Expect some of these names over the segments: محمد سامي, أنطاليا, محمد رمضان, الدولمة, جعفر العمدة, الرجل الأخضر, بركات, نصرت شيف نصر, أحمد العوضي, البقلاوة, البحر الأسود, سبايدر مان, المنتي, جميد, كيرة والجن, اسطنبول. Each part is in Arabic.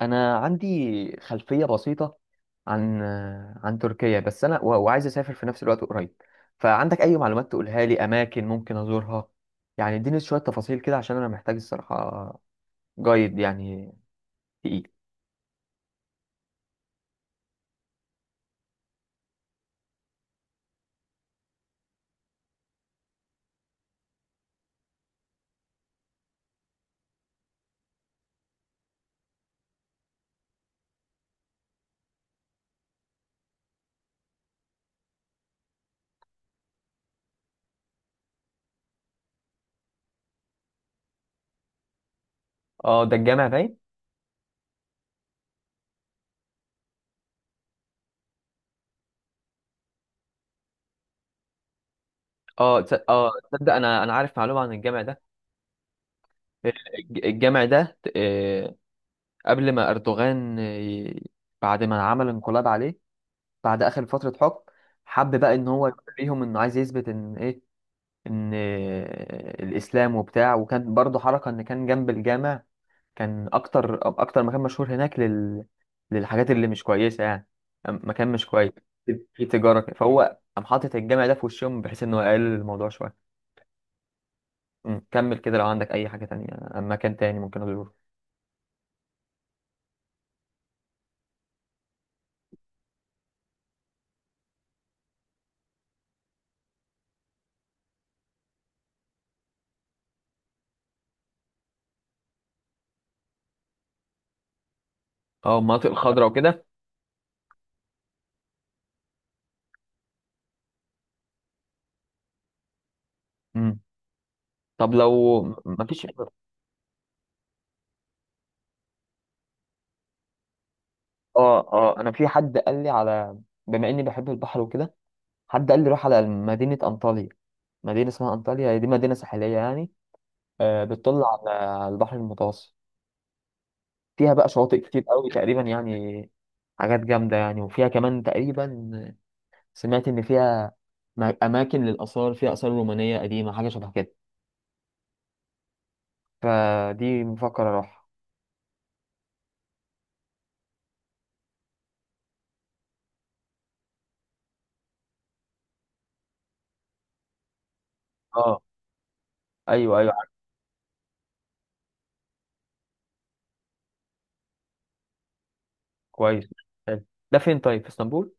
انا عندي خلفيه بسيطه عن عن تركيا، بس انا و- وعايز اسافر في نفس الوقت قريب. فعندك اي معلومات تقولها لي، اماكن ممكن ازورها؟ يعني اديني شويه تفاصيل كده عشان انا محتاج الصراحه، جايد يعني، تقيل. اه، ده الجامع باين. تصدق انا عارف معلومه عن الجامع ده. آه، الجامع ده، قبل ما اردوغان، بعد ما عمل انقلاب عليه، بعد اخر فتره حكم، حب بقى ان هو يوريهم انه عايز يثبت ان ايه، ان الاسلام وبتاع. وكان برضو حركه ان كان جنب الجامع، كان اكتر مكان مشهور هناك للحاجات اللي مش كويسه، يعني مكان مش كويس، في تجاره كده. فهو قام حاطط الجامع ده في وشهم، بحيث انه يقلل الموضوع شويه. كمل كده لو عندك اي حاجه تانية، مكان تاني ممكن ازوره. اه، المناطق الخضراء وكده. أمم. طب لو ما فيش. اه اه، انا في حد قال لي على، بما اني بحب البحر وكده، حد قال لي روح على مدينه انطاليا. مدينة اسمها أنطاليا، هي دي مدينة ساحلية يعني، بتطل على البحر المتوسط. فيها بقى شواطئ كتير قوي تقريبا يعني، حاجات جامدة يعني. وفيها كمان تقريبا، سمعت إن فيها أماكن للآثار، فيها آثار رومانية قديمة، حاجة شبه كده، فدي مفكر أروح. اه، أيوه أيوه عارف. كويس. حلو. ده فين طيب، في اسطنبول؟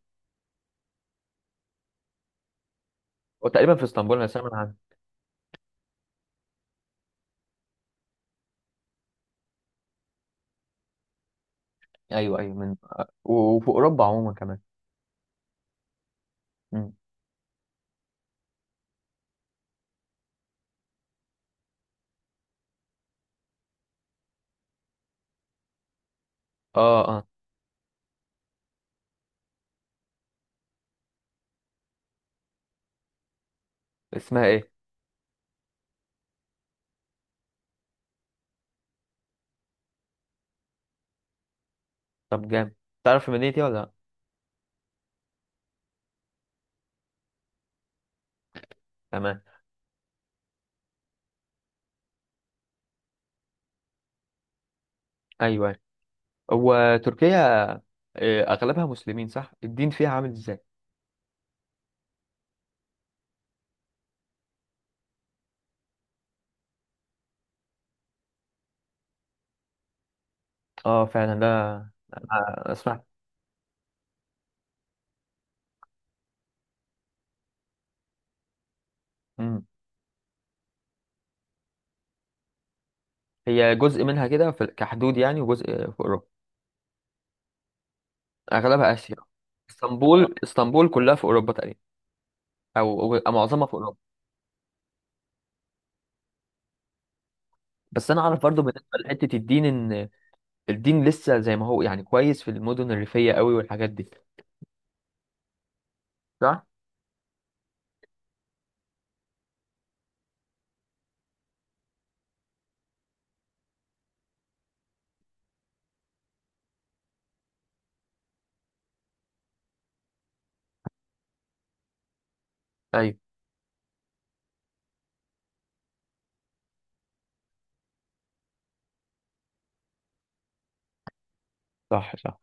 وتقريبا في اسطنبول أنا سامع عنه. أيوه أيوه، من وفي أوروبا عموما كمان. مم. اه اه. اسمها إيه؟ طب جامد. تعرف المدينة دي ولا لأ؟ تمام. أيوه. هو تركيا، اغلبها مسلمين، صح؟ الدين فيها عامل ازاي؟ اه فعلا ده، أنا اسمع. مم. هي جزء منها كده، كحدود يعني، وجزء في اوروبا. اغلبها اسيا. اسطنبول كلها في اوروبا تقريبا، او معظمها في اوروبا. بس انا اعرف برضو بالنسبه لحته الدين ان الدين لسه زي ما هو، يعني كويس في المدن الريفيه قوي والحاجات دي. صح. ايوه صح صح.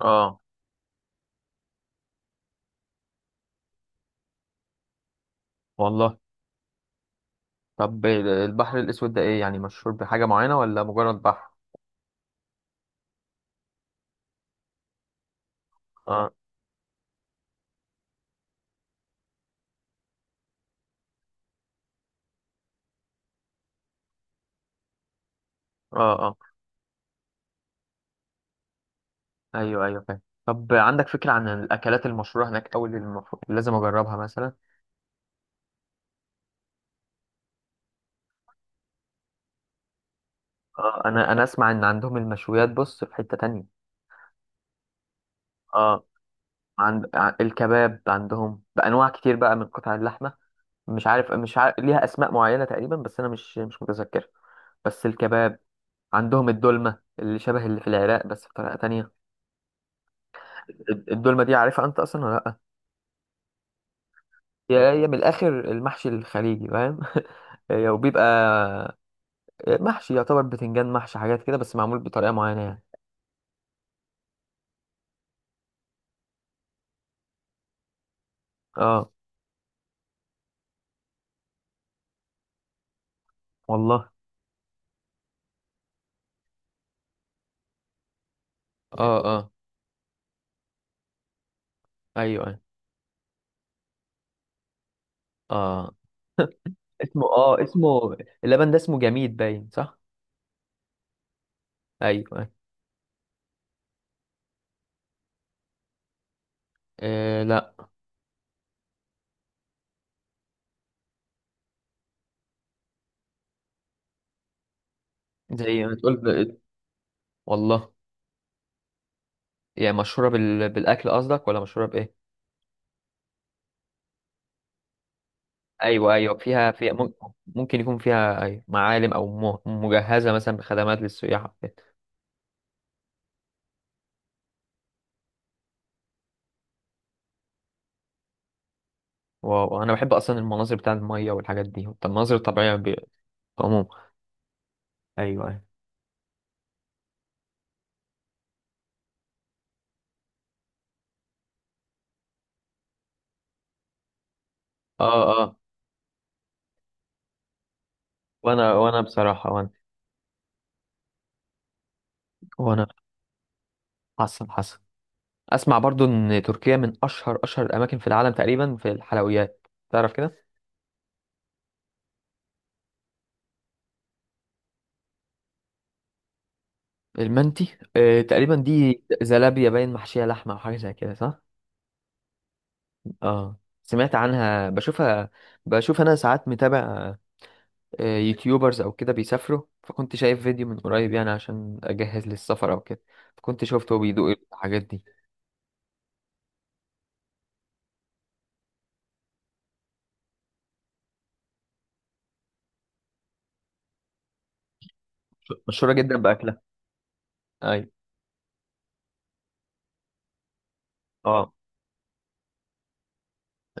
اه. والله. طب البحر الاسود ده ايه يعني، مشهور بحاجه معينه ولا مجرد بحر؟ اه اه اه. ايوه ايوه فاهم. طب عندك فكرة عن الاكلات المشهورة هناك، او اللي المفروض لازم اجربها مثلا؟ اه، انا اسمع ان عندهم المشويات، بص في حتة تانية. اه. الكباب عندهم بانواع كتير، بقى من قطع اللحمة، مش عارف مش عارف ليها اسماء معينة تقريبا، بس انا مش متذكر. بس الكباب. عندهم الدولمة، اللي شبه اللي في العراق، بس بطريقة تانية. الدولمة دي عارفها انت اصلا ولا لا؟ هي من الاخر المحشي الخليجي، فاهم؟ هي وبيبقى محشي، يعتبر بتنجان محشي حاجات كده، بس معمول بطريقة معينة يعني. اه. والله. اه اه ايوه ايوه. اه. اسمه اللبن ده اسمه جميد باين، صح؟ ايوه ايوه. آه لا. زي ما تقول. والله. يعني مشهورة بالاكل قصدك، ولا مشهورة بايه؟ ايوه ايوه، فيها ممكن يكون فيها، ايوه، معالم او مجهزة مثلا بخدمات للسياح أو كده. واو، انا بحب اصلا المناظر بتاع المية والحاجات دي. طب المناظر الطبيعية عموما. ايوه ايوه. اه اه. وانا بصراحة. وانا. حسن حسن. اسمع برضو ان تركيا من اشهر الاماكن في العالم تقريبا في الحلويات، تعرف كده. المنتي، تقريبا دي زلابيا باين محشيه لحمه او حاجه زي كده، صح؟ اه. سمعت عنها، بشوفها. بشوف انا ساعات متابع يوتيوبرز او كده بيسافروا، فكنت شايف فيديو من قريب، يعني عشان اجهز للسفر او كده. فكنت شفته بيدوق الحاجات دي. مشهوره جدا باكلها. ايوه. اه.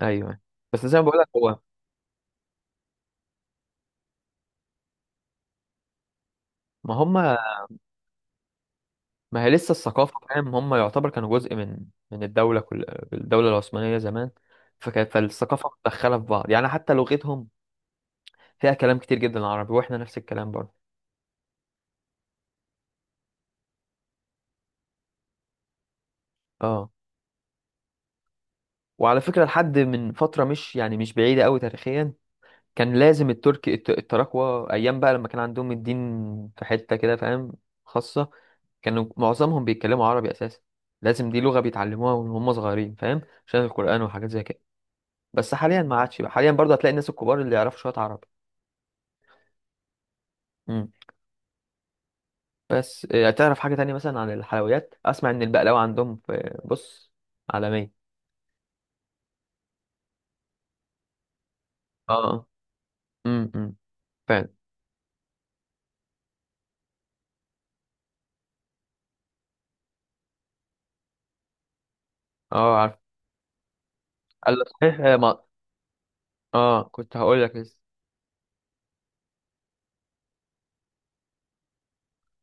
ايوه. بس زي ما بقولك هو. ما هم. ما هي لسه الثقافة، فاهم؟ هم يعتبر كانوا جزء من الدولة، كل الدولة العثمانية زمان. فالثقافة متدخلة في بعض، يعني حتى لغتهم فيها كلام كتير جدا عربي، واحنا نفس الكلام برضه. اه. وعلى فكرة لحد من فترة مش، يعني مش بعيدة قوي تاريخيا، كان لازم الترك التراكوة أيام بقى لما كان عندهم الدين في حتة كده، فاهم؟ خاصة كانوا معظمهم بيتكلموا عربي أساسا، لازم دي لغة بيتعلموها وهم صغيرين، فاهم؟ عشان القرآن وحاجات زي كده. بس حاليا ما عادش بقى، حاليا برضه هتلاقي الناس الكبار اللي يعرفوا شوية عربي. مم. بس تعرف حاجة تانية مثلا عن الحلويات، أسمع إن البقلاوة عندهم في بص عالمية. اه. امم. أمم. فعلا. اه عارف. قال لك صحيح آه، ما اه كنت هقول لك لسه.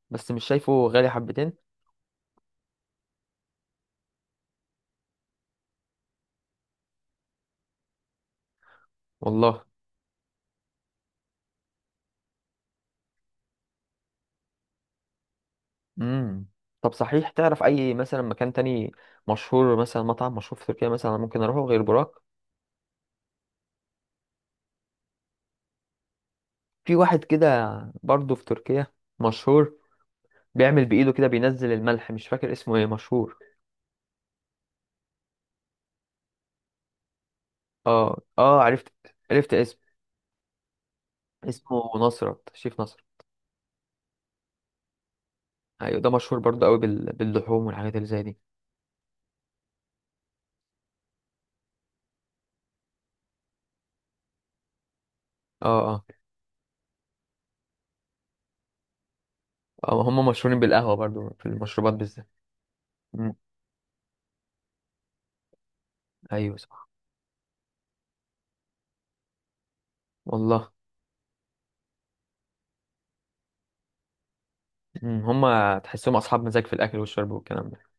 بس مش شايفه غالي حبتين. والله. امم. طب صحيح، تعرف أي مثلا مكان تاني مشهور، مثلا مطعم مشهور في تركيا مثلا ممكن أروحه غير براك؟ في واحد كده برضه في تركيا، مشهور بيعمل بإيده كده بينزل الملح، مش فاكر اسمه ايه، مشهور. اه اه عرفت. عرفت اسمه. اسمه نصرت، شيف نصر. ايوه ده مشهور برضو قوي باللحوم والحاجات اللي زي دي. اه اه. هم مشهورين بالقهوه برضو، في المشروبات بالذات. مم. ايوه صح. والله. مم. هم تحسهم اصحاب مزاج في الاكل والشرب والكلام ده.